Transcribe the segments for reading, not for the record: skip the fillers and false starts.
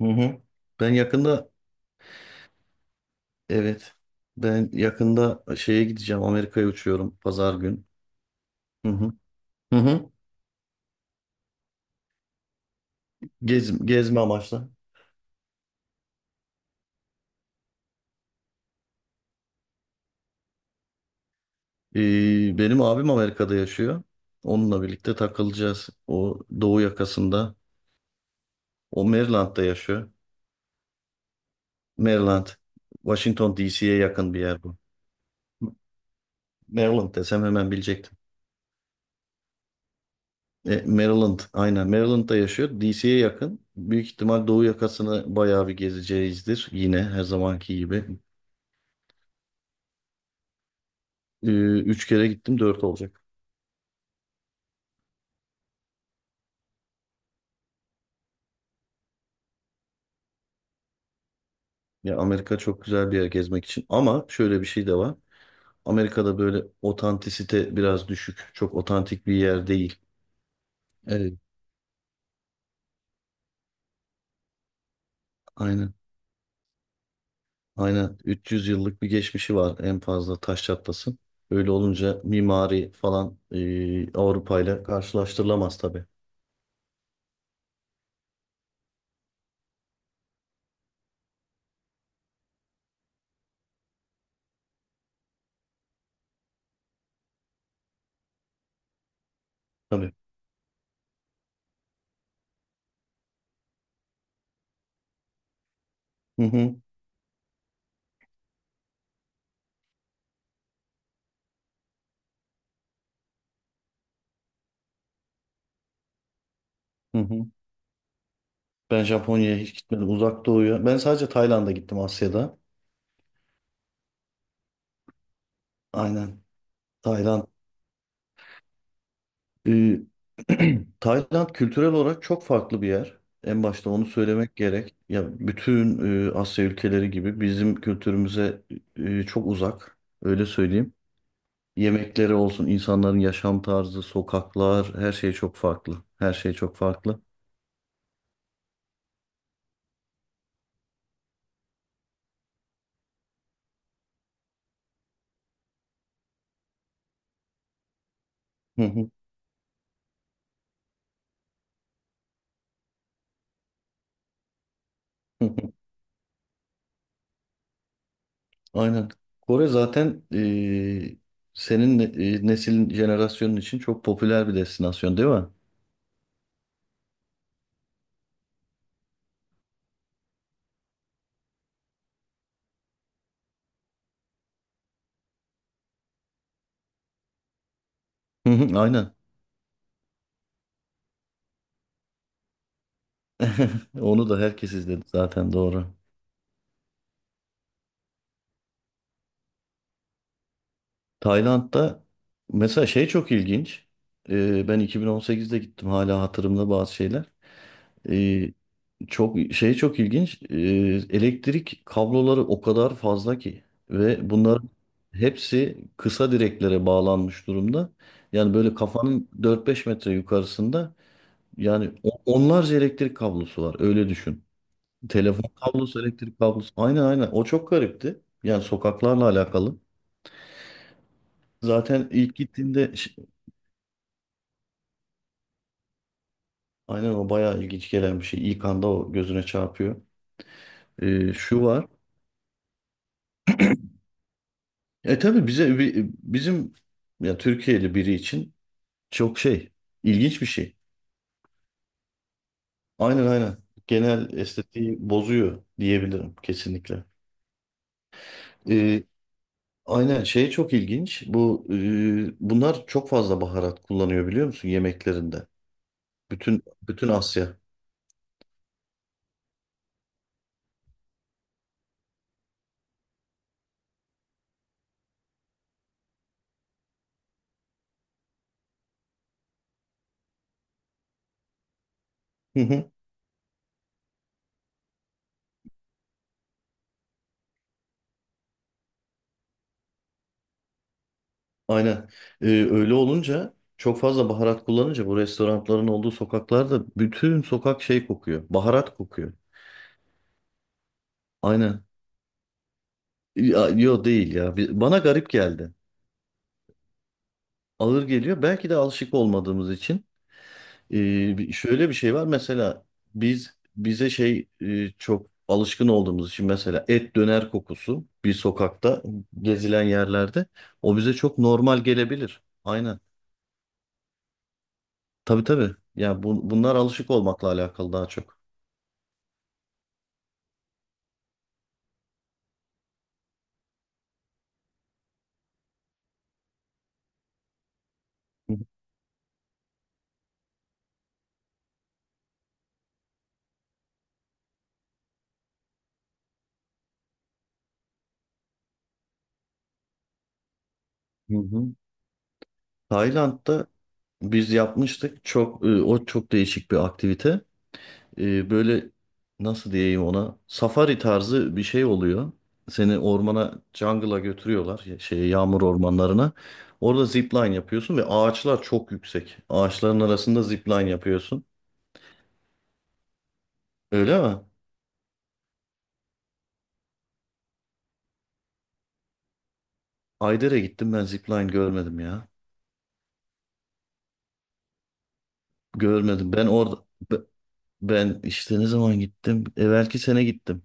Hı hı. Ben yakında Evet. Ben yakında şeye gideceğim. Amerika'ya uçuyorum pazar gün. Hı hı. Hı hı. Gezme amaçlı. Benim abim Amerika'da yaşıyor. Onunla birlikte takılacağız. O doğu yakasında. O Maryland'da yaşıyor. Maryland. Washington DC'ye yakın bir yer bu. Maryland desem hemen bilecektim. Maryland, aynen, Maryland'da yaşıyor. DC'ye yakın. Büyük ihtimal doğu yakasını bayağı bir gezeceğizdir. Yine her zamanki gibi. Ee, Üç kere gittim, dört olacak. Ya, Amerika çok güzel bir yer gezmek için. Ama şöyle bir şey de var. Amerika'da böyle otantisite biraz düşük. Çok otantik bir yer değil. Evet. Aynen. Aynen. 300 yıllık bir geçmişi var en fazla, taş çatlasın. Öyle olunca mimari falan, Avrupa ile karşılaştırılamaz tabii. Tabii. Hı hı, hı hı. Ben Japonya'ya hiç gitmedim. Uzak Doğu'ya. Ben sadece Tayland'a gittim, Asya'da. Aynen. Tayland. Ee, Tayland kültürel olarak çok farklı bir yer. En başta onu söylemek gerek. Ya, bütün Asya ülkeleri gibi bizim kültürümüze çok uzak. Öyle söyleyeyim. Yemekleri olsun, insanların yaşam tarzı, sokaklar, her şey çok farklı. Her şey çok farklı. Hı hı, hı hı. Aynen. Kore zaten senin neslin, jenerasyonun için çok popüler bir destinasyon, değil mi? Hı hı, aynen. Onu da herkes izledi zaten, doğru. Tayland'da mesela şey çok ilginç. Ben 2018'de gittim, hala hatırımda bazı şeyler. Ee, Çok şey çok ilginç. Elektrik kabloları o kadar fazla ki ve bunların hepsi kısa direklere bağlanmış durumda. Yani böyle kafanın 4-5 metre yukarısında yani onlarca elektrik kablosu var. Öyle düşün. Telefon kablosu, elektrik kablosu. Aynen, aynen. O çok garipti. Yani sokaklarla alakalı. Zaten ilk gittiğimde Aynen, o bayağı ilginç gelen bir şey. İlk anda o gözüne çarpıyor. Şu var. Tabii bize, bizim, ya Türkiye'li biri için çok şey, ilginç bir şey. Aynen, aynen. Genel estetiği bozuyor diyebilirim, kesinlikle. Ee, aynen, şey çok ilginç. Bunlar çok fazla baharat kullanıyor, biliyor musun, yemeklerinde? Bütün Asya. Hı hı, aynen. Öyle olunca, çok fazla baharat kullanınca bu restoranların olduğu sokaklarda bütün sokak şey kokuyor. Baharat kokuyor. Aynen. Ya, yo değil ya. Bana garip geldi. Ağır geliyor. Belki de alışık olmadığımız için. Şöyle bir şey var mesela, biz bize şey, çok alışkın olduğumuz için mesela, et döner kokusu bir sokakta, gezilen yerlerde, o bize çok normal gelebilir. Aynen. Tabii, tabii. Ya bunlar alışık olmakla alakalı daha çok. Hı hı. Tayland'da biz yapmıştık, çok o çok değişik bir aktivite. Böyle, nasıl diyeyim, ona safari tarzı bir şey oluyor. Seni ormana, jungle'a götürüyorlar, şeye, yağmur ormanlarına. Orada zipline yapıyorsun ve ağaçlar çok yüksek. Ağaçların arasında zipline yapıyorsun. Öyle mi? Ayder'e gittim ben, zipline görmedim ya. Görmedim. Ben orada be- ben işte, ne zaman gittim? Evvelki sene gittim.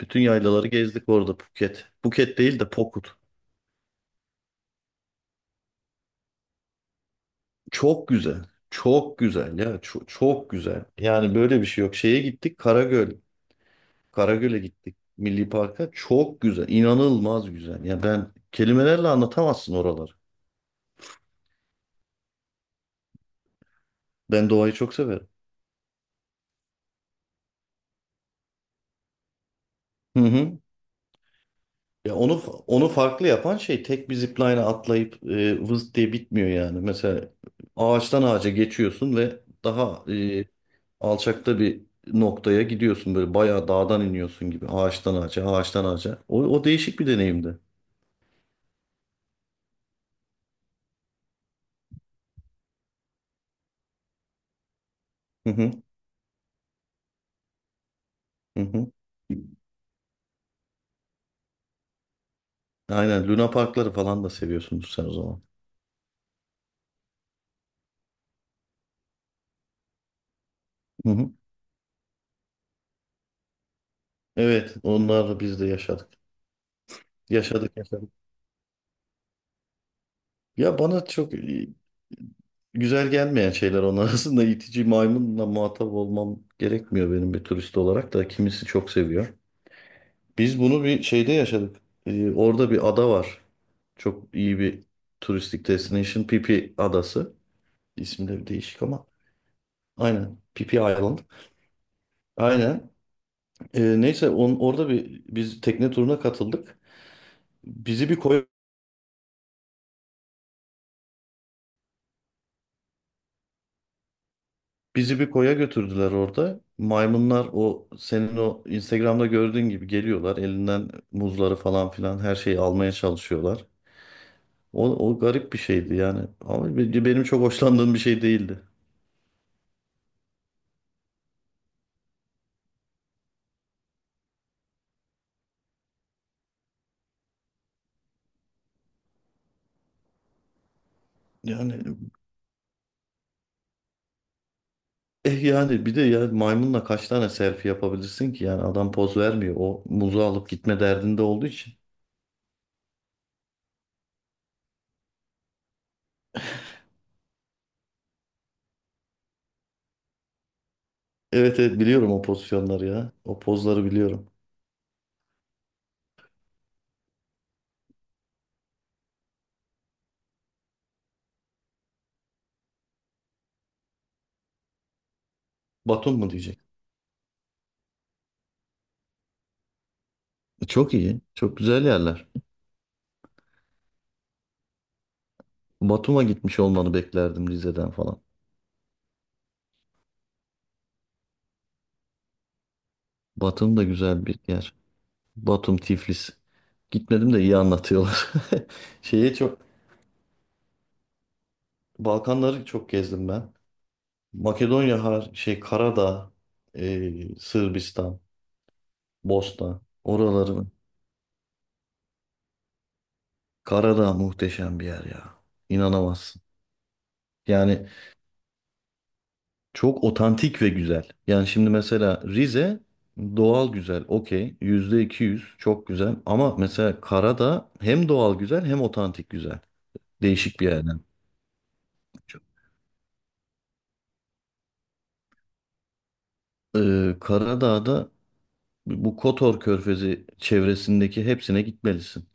Bütün yaylaları gezdik orada, Phuket. Phuket değil de Pokut. Çok güzel. Çok güzel ya. Çok, çok güzel. Yani böyle bir şey yok. Şeye gittik, Karagöl. Karagöl'e gittik. Milli Park'a. Çok güzel. İnanılmaz güzel. Ya ben, kelimelerle anlatamazsın oraları. Ben doğayı çok severim. Hı hı. Ya, onu farklı yapan şey, tek bir zipline'a atlayıp vız diye bitmiyor yani. Mesela ağaçtan ağaca geçiyorsun ve daha alçakta bir noktaya gidiyorsun, böyle bayağı dağdan iniyorsun gibi, ağaçtan ağaca, ağaçtan ağaca. O değişik bir deneyimdi. Hı hı, hı hı. Aynen, Luna Parkları falan da seviyorsunuz sen o zaman. Hı hı. Evet, onları biz de yaşadık. Yaşadık, yaşadık. Ya bana çok güzel gelmeyen şeyler onun arasında. itici maymunla muhatap olmam gerekmiyor benim, bir turist olarak da, kimisi çok seviyor. Biz bunu bir şeyde yaşadık. Orada bir ada var. Çok iyi bir turistik destination. Pipi Adası. İsmi de değişik ama. Aynen. Pipi Island. Aynen. Neyse, orada bir biz tekne turuna katıldık. Bizi bir koy Bizi bir koya götürdüler orada. Maymunlar, o senin o Instagram'da gördüğün gibi geliyorlar. Elinden muzları falan filan, her şeyi almaya çalışıyorlar. O garip bir şeydi yani. Ama benim çok hoşlandığım bir şey değildi. Yani eh yani, bir de ya, maymunla kaç tane selfie yapabilirsin ki? Yani adam poz vermiyor, o muzu alıp gitme derdinde olduğu için. Evet, evet, biliyorum o pozisyonları ya. O pozları biliyorum. Batum mu diyecek? Çok iyi. Çok güzel yerler. Batum'a gitmiş olmanı beklerdim, Rize'den falan. Batum da güzel bir yer. Batum, Tiflis. Gitmedim de iyi anlatıyorlar. Şeye çok Balkanları çok gezdim ben. Makedonya, har şey, Karadağ, Sırbistan, Bosna. Oraları. Karadağ muhteşem bir yer ya. İnanamazsın. Yani, çok otantik ve güzel. Yani şimdi mesela Rize doğal güzel, okey. %200 çok güzel. Ama mesela Karadağ hem doğal güzel, hem otantik güzel. Değişik bir yerden. Karadağ'da bu Kotor Körfezi çevresindeki hepsine gitmelisin.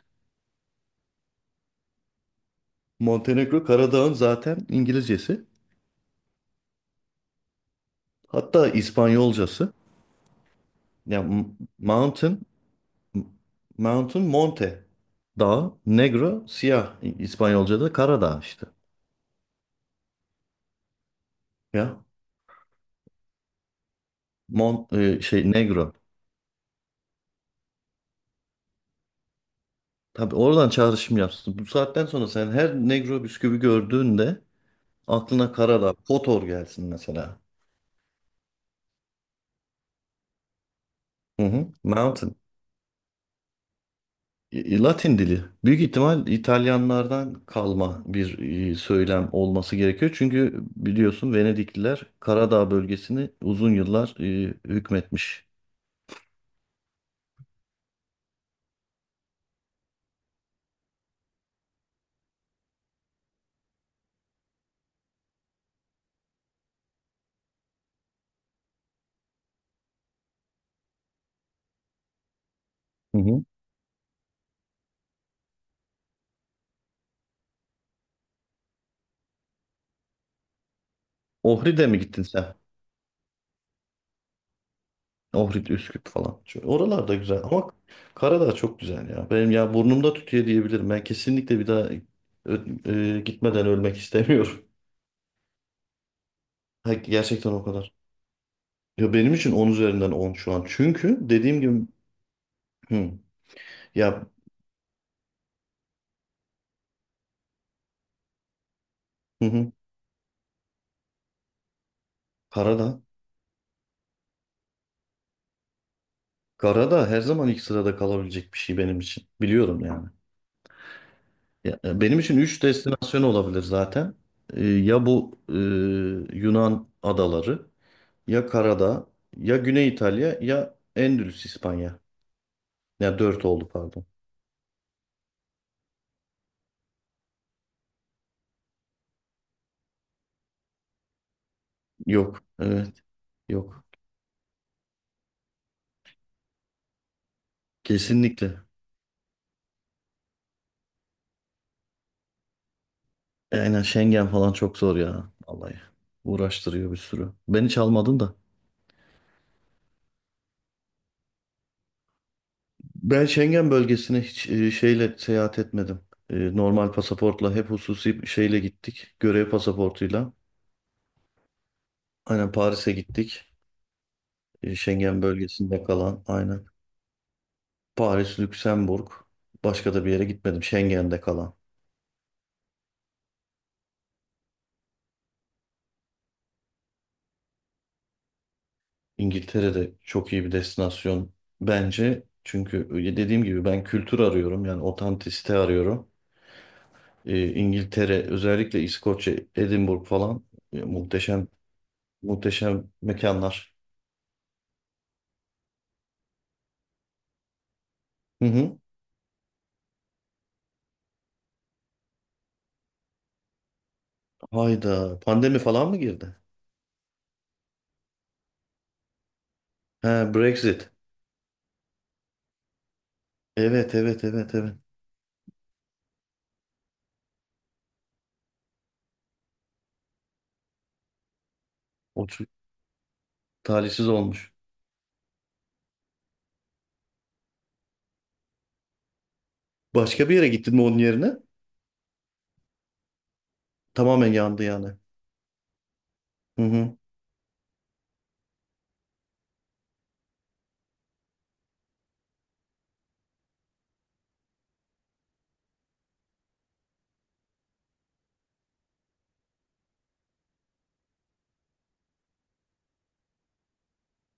Montenegro Karadağ'ın zaten İngilizcesi. Hatta İspanyolcası. Yani, mountain, m- mountain, monte. Dağ. Negro, siyah. İspanyolca'da Karadağ işte. Ya, şey, Negro. Tabii, oradan çağrışım yapsın. Bu saatten sonra sen her Negro bisküvi gördüğünde aklına Karadağ, Kotor gelsin mesela. Hı hı. Mountain. Latin dili. Büyük ihtimal İtalyanlardan kalma bir söylem olması gerekiyor. Çünkü biliyorsun, Venedikliler Karadağ bölgesini uzun yıllar hükmetmiş. Hı hı. Ohri'de mi gittin sen? Ohrid, Üsküp falan. Şöyle, oralar da güzel ama Karadağ çok güzel ya. Benim, ya, burnumda tütüyor diyebilirim. Ben kesinlikle bir daha ö- gitmeden ölmek istemiyorum. Ha, gerçekten o kadar. Ya, benim için 10 üzerinden 10 şu an. Çünkü dediğim gibi, hı, ya, hı hı, Karadağ. Karadağ her zaman ilk sırada kalabilecek bir şey benim için. Biliyorum yani. Ya, ya benim için 3 destinasyon olabilir zaten. Ya, Yunan adaları, ya Karadağ, ya Güney İtalya, ya Endülüs İspanya. Ya, dört oldu, pardon. Yok. Evet. Yok. Kesinlikle. Aynen, Schengen falan çok zor ya. Vallahi. Uğraştırıyor bir sürü. Ben hiç almadım da. Ben Schengen bölgesine hiç şeyle seyahat etmedim. Normal pasaportla, hep hususi şeyle gittik. Görev pasaportuyla. Aynen, Paris'e gittik. Schengen bölgesinde kalan. Aynen. Paris, Lüksemburg. Başka da bir yere gitmedim. Schengen'de kalan. İngiltere'de çok iyi bir destinasyon bence. Çünkü dediğim gibi ben kültür arıyorum, yani otantisite arıyorum. İngiltere, özellikle İskoçya, Edinburgh falan, muhteşem, muhteşem mekanlar. Hı hı. Hayda, pandemi falan mı girdi? He, Brexit. Evet, evet, evet, evet. O çok talihsiz olmuş. Başka bir yere gittin mi onun yerine? Tamamen yandı yani. Hı hı.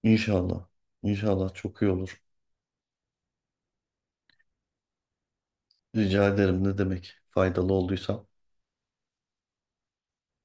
İnşallah. İnşallah çok iyi olur. Rica ederim, ne demek, faydalı olduysam.